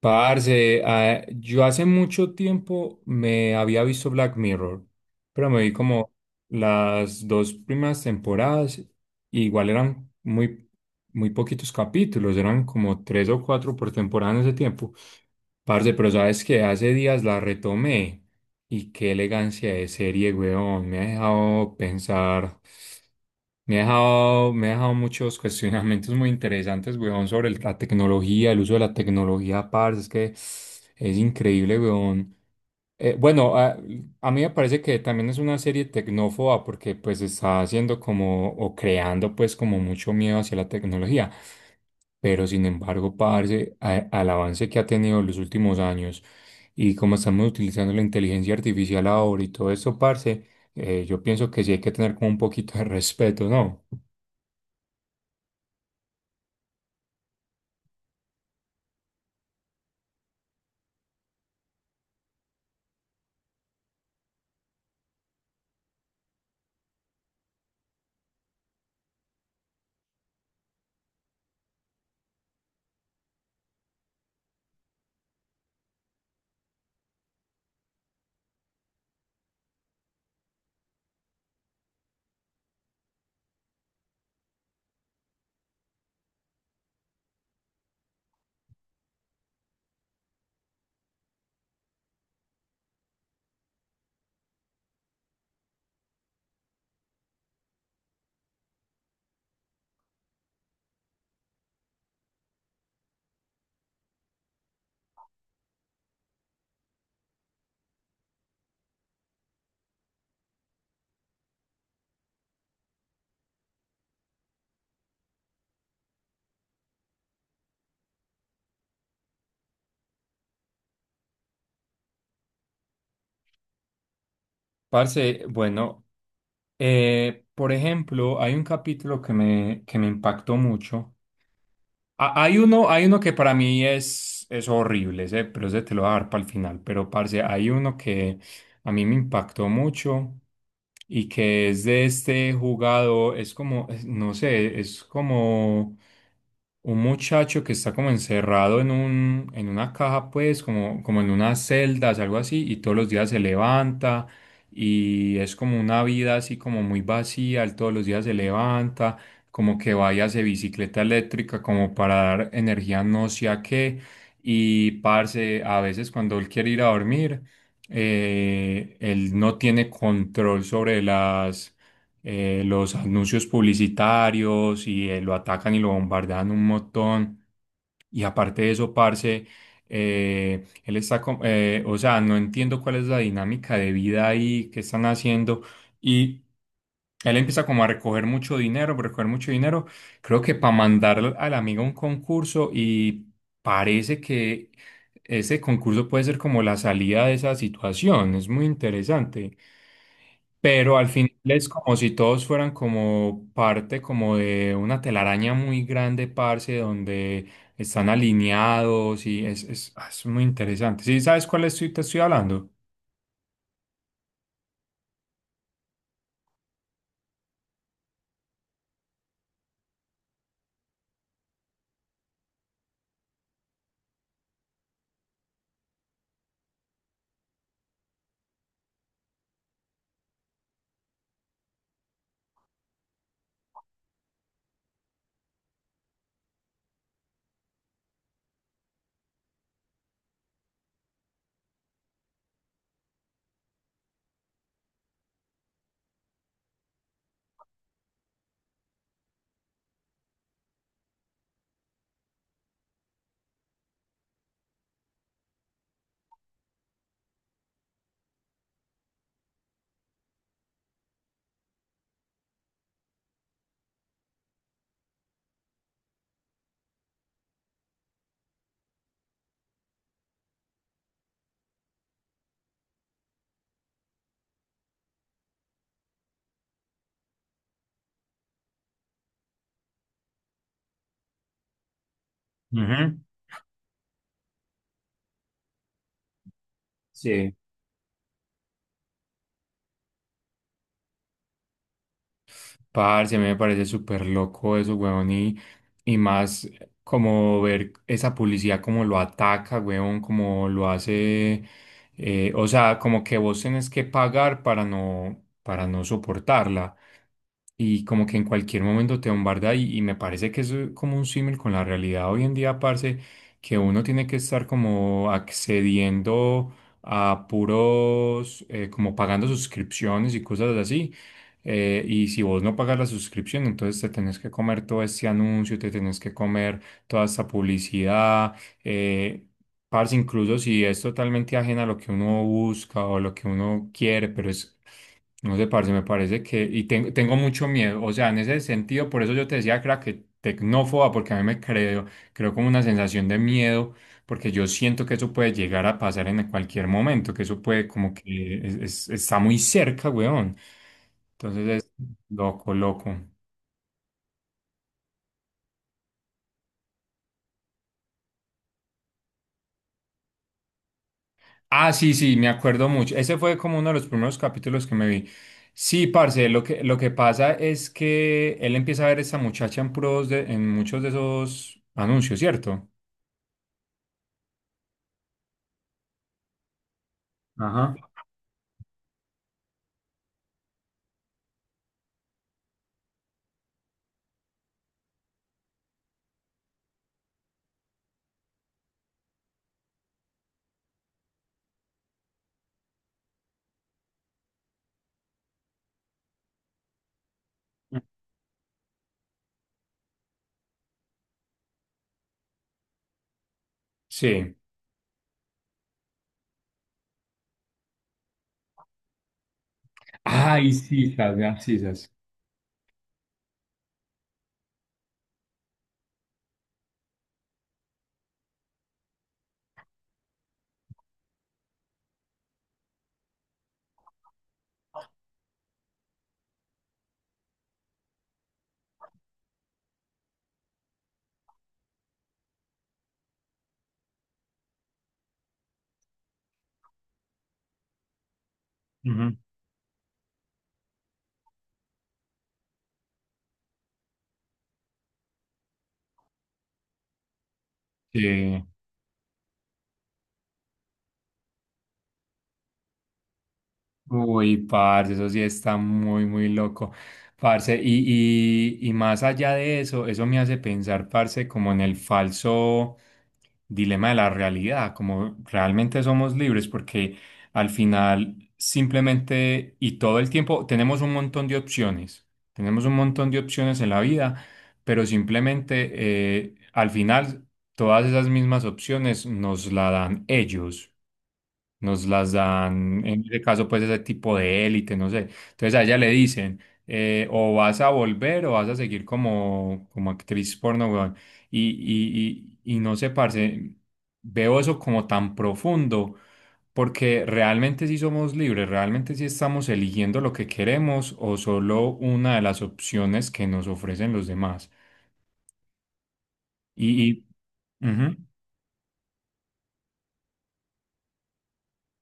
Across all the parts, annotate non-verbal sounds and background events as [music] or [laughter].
Parce, yo hace mucho tiempo me había visto Black Mirror, pero me vi como las dos primeras temporadas, y igual eran muy poquitos capítulos, eran como tres o cuatro por temporada en ese tiempo. Parce, pero sabes que hace días la retomé y qué elegancia de serie, weón. Me ha dejado pensar, me ha dejado muchos [laughs] cuestionamientos muy interesantes, weón, sobre la tecnología, el uso de la tecnología, parce. Es que es increíble, weón. Bueno, a mí me parece que también es una serie tecnófoba porque pues está haciendo como, o creando pues como mucho miedo hacia la tecnología. Pero sin embargo, parce, al avance que ha tenido en los últimos años. Y como estamos utilizando la inteligencia artificial ahora y todo eso, parce, yo pienso que sí hay que tener como un poquito de [laughs] respeto, ¿no? Parce, bueno, por ejemplo, hay un capítulo que me impactó mucho. Hay uno que para mí es horrible, ese, pero ese te lo voy a dar para el final. Pero, parce, hay uno que a mí me impactó mucho y que es de este jugador, es como, no sé, es como un muchacho que está como encerrado en en una caja, pues, como en unas celdas, algo así, y todos los días se levanta y es como una vida así como muy vacía, él todos los días se levanta como que vaya a bicicleta eléctrica como para dar energía no sé a qué. Y parce, a veces cuando él quiere ir a dormir, él no tiene control sobre los anuncios publicitarios y lo atacan y lo bombardean un montón. Y aparte de eso, parce, él está, o sea, no entiendo cuál es la dinámica de vida ahí que están haciendo y él empieza como a recoger mucho dinero, creo que para mandar al amigo a un concurso y parece que ese concurso puede ser como la salida de esa situación, es muy interesante. Pero al final es como si todos fueran como parte como de una telaraña muy grande, parce, donde están alineados y es muy interesante. ¿Sí sabes cuál te estoy hablando? Ujú. Sí. Parce, a mí me parece súper loco eso, weón, y más como ver esa publicidad, como lo ataca, weón, como lo hace, o sea, como que vos tenés que pagar para para no soportarla y como que en cualquier momento te bombarda y me parece que eso es como un símil con la realidad hoy en día, parce, que uno tiene que estar como accediendo a puros, como pagando suscripciones y cosas así. Eh, y si vos no pagas la suscripción, entonces te tenés que comer todo este anuncio, te tenés que comer toda esta publicidad, eh, parce, incluso si es totalmente ajena a lo que uno busca o lo que uno quiere, pero es no sé, parce, me parece que, y tengo mucho miedo, o sea, en ese sentido, por eso yo te decía que era que tecnófoba, porque a mí creo como una sensación de miedo, porque yo siento que eso puede llegar a pasar en cualquier momento, que eso puede como que está muy cerca, weón. Entonces es loco, loco. Ah, sí, sí, me acuerdo mucho. Ese fue como uno de los primeros capítulos que me vi. Sí, parce, lo que pasa es que él empieza a ver a esta muchacha en pros de, en muchos de esos anuncios, ¿cierto? Ajá. Sí. Ay, sisas, las sisas. Ujú. Sí. Uy, parce, eso sí está muy loco. Parce, y más allá de eso, eso me hace pensar, parce, como en el falso dilema de la realidad, como realmente somos libres, porque al final simplemente y todo el tiempo tenemos un montón de opciones, tenemos un montón de opciones en la vida, pero simplemente al final todas esas mismas opciones nos la dan ellos. Nos las dan, en ese caso, pues ese tipo de élite, no sé. Entonces a ella le dicen, o vas a volver o vas a seguir como, como actriz porno, weón. Y no sé, parce, veo eso como tan profundo, porque realmente sí somos libres, realmente sí estamos eligiendo lo que queremos o solo una de las opciones que nos ofrecen los demás. Y, y ujú.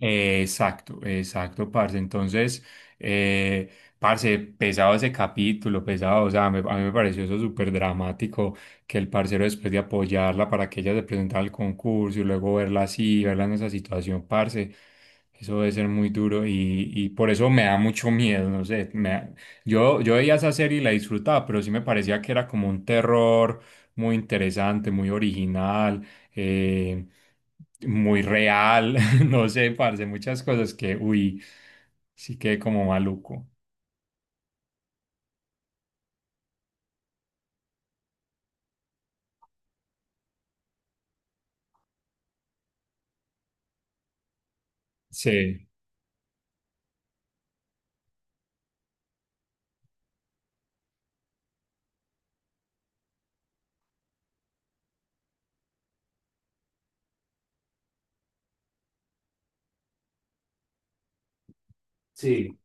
Exacto, exacto, parce. Entonces, eh, parce, pesado ese capítulo, pesado. O sea, a mí me pareció eso súper dramático que el parcero, después de apoyarla para que ella se presentara al concurso y luego verla así, verla en esa situación, parce, eso debe ser muy duro y por eso me da mucho miedo. No sé, yo, yo veía esa serie y la disfrutaba, pero sí me parecía que era como un terror muy interesante, muy original. Eh, muy real. [laughs] No sé, parce, muchas cosas que, uy, sí que como maluco. Sí. Sí.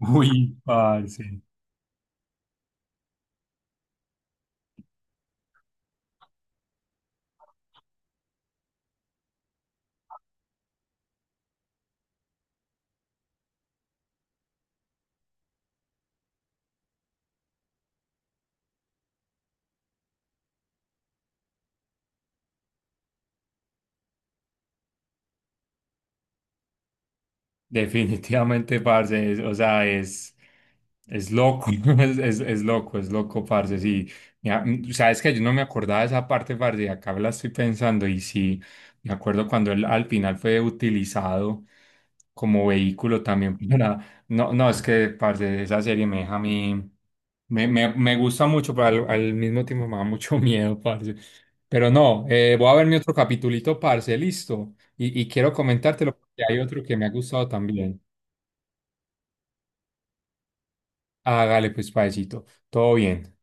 Uy, parce. Definitivamente, parce, o sea, es loco, [laughs] es loco, parce, sí. Mira, sabes que yo no me acordaba de esa parte, parce, y acá la estoy pensando, y sí, me acuerdo cuando él al final fue utilizado como vehículo también [laughs] para... No, no, es que, parce, esa serie me deja a mí... me gusta mucho, pero al mismo tiempo me da mucho [laughs] miedo, parce. Pero no, voy a ver mi otro capitulito, parce, listo. Y quiero comentártelo porque hay otro que me ha gustado también. Hágale pues, paecito. Todo bien.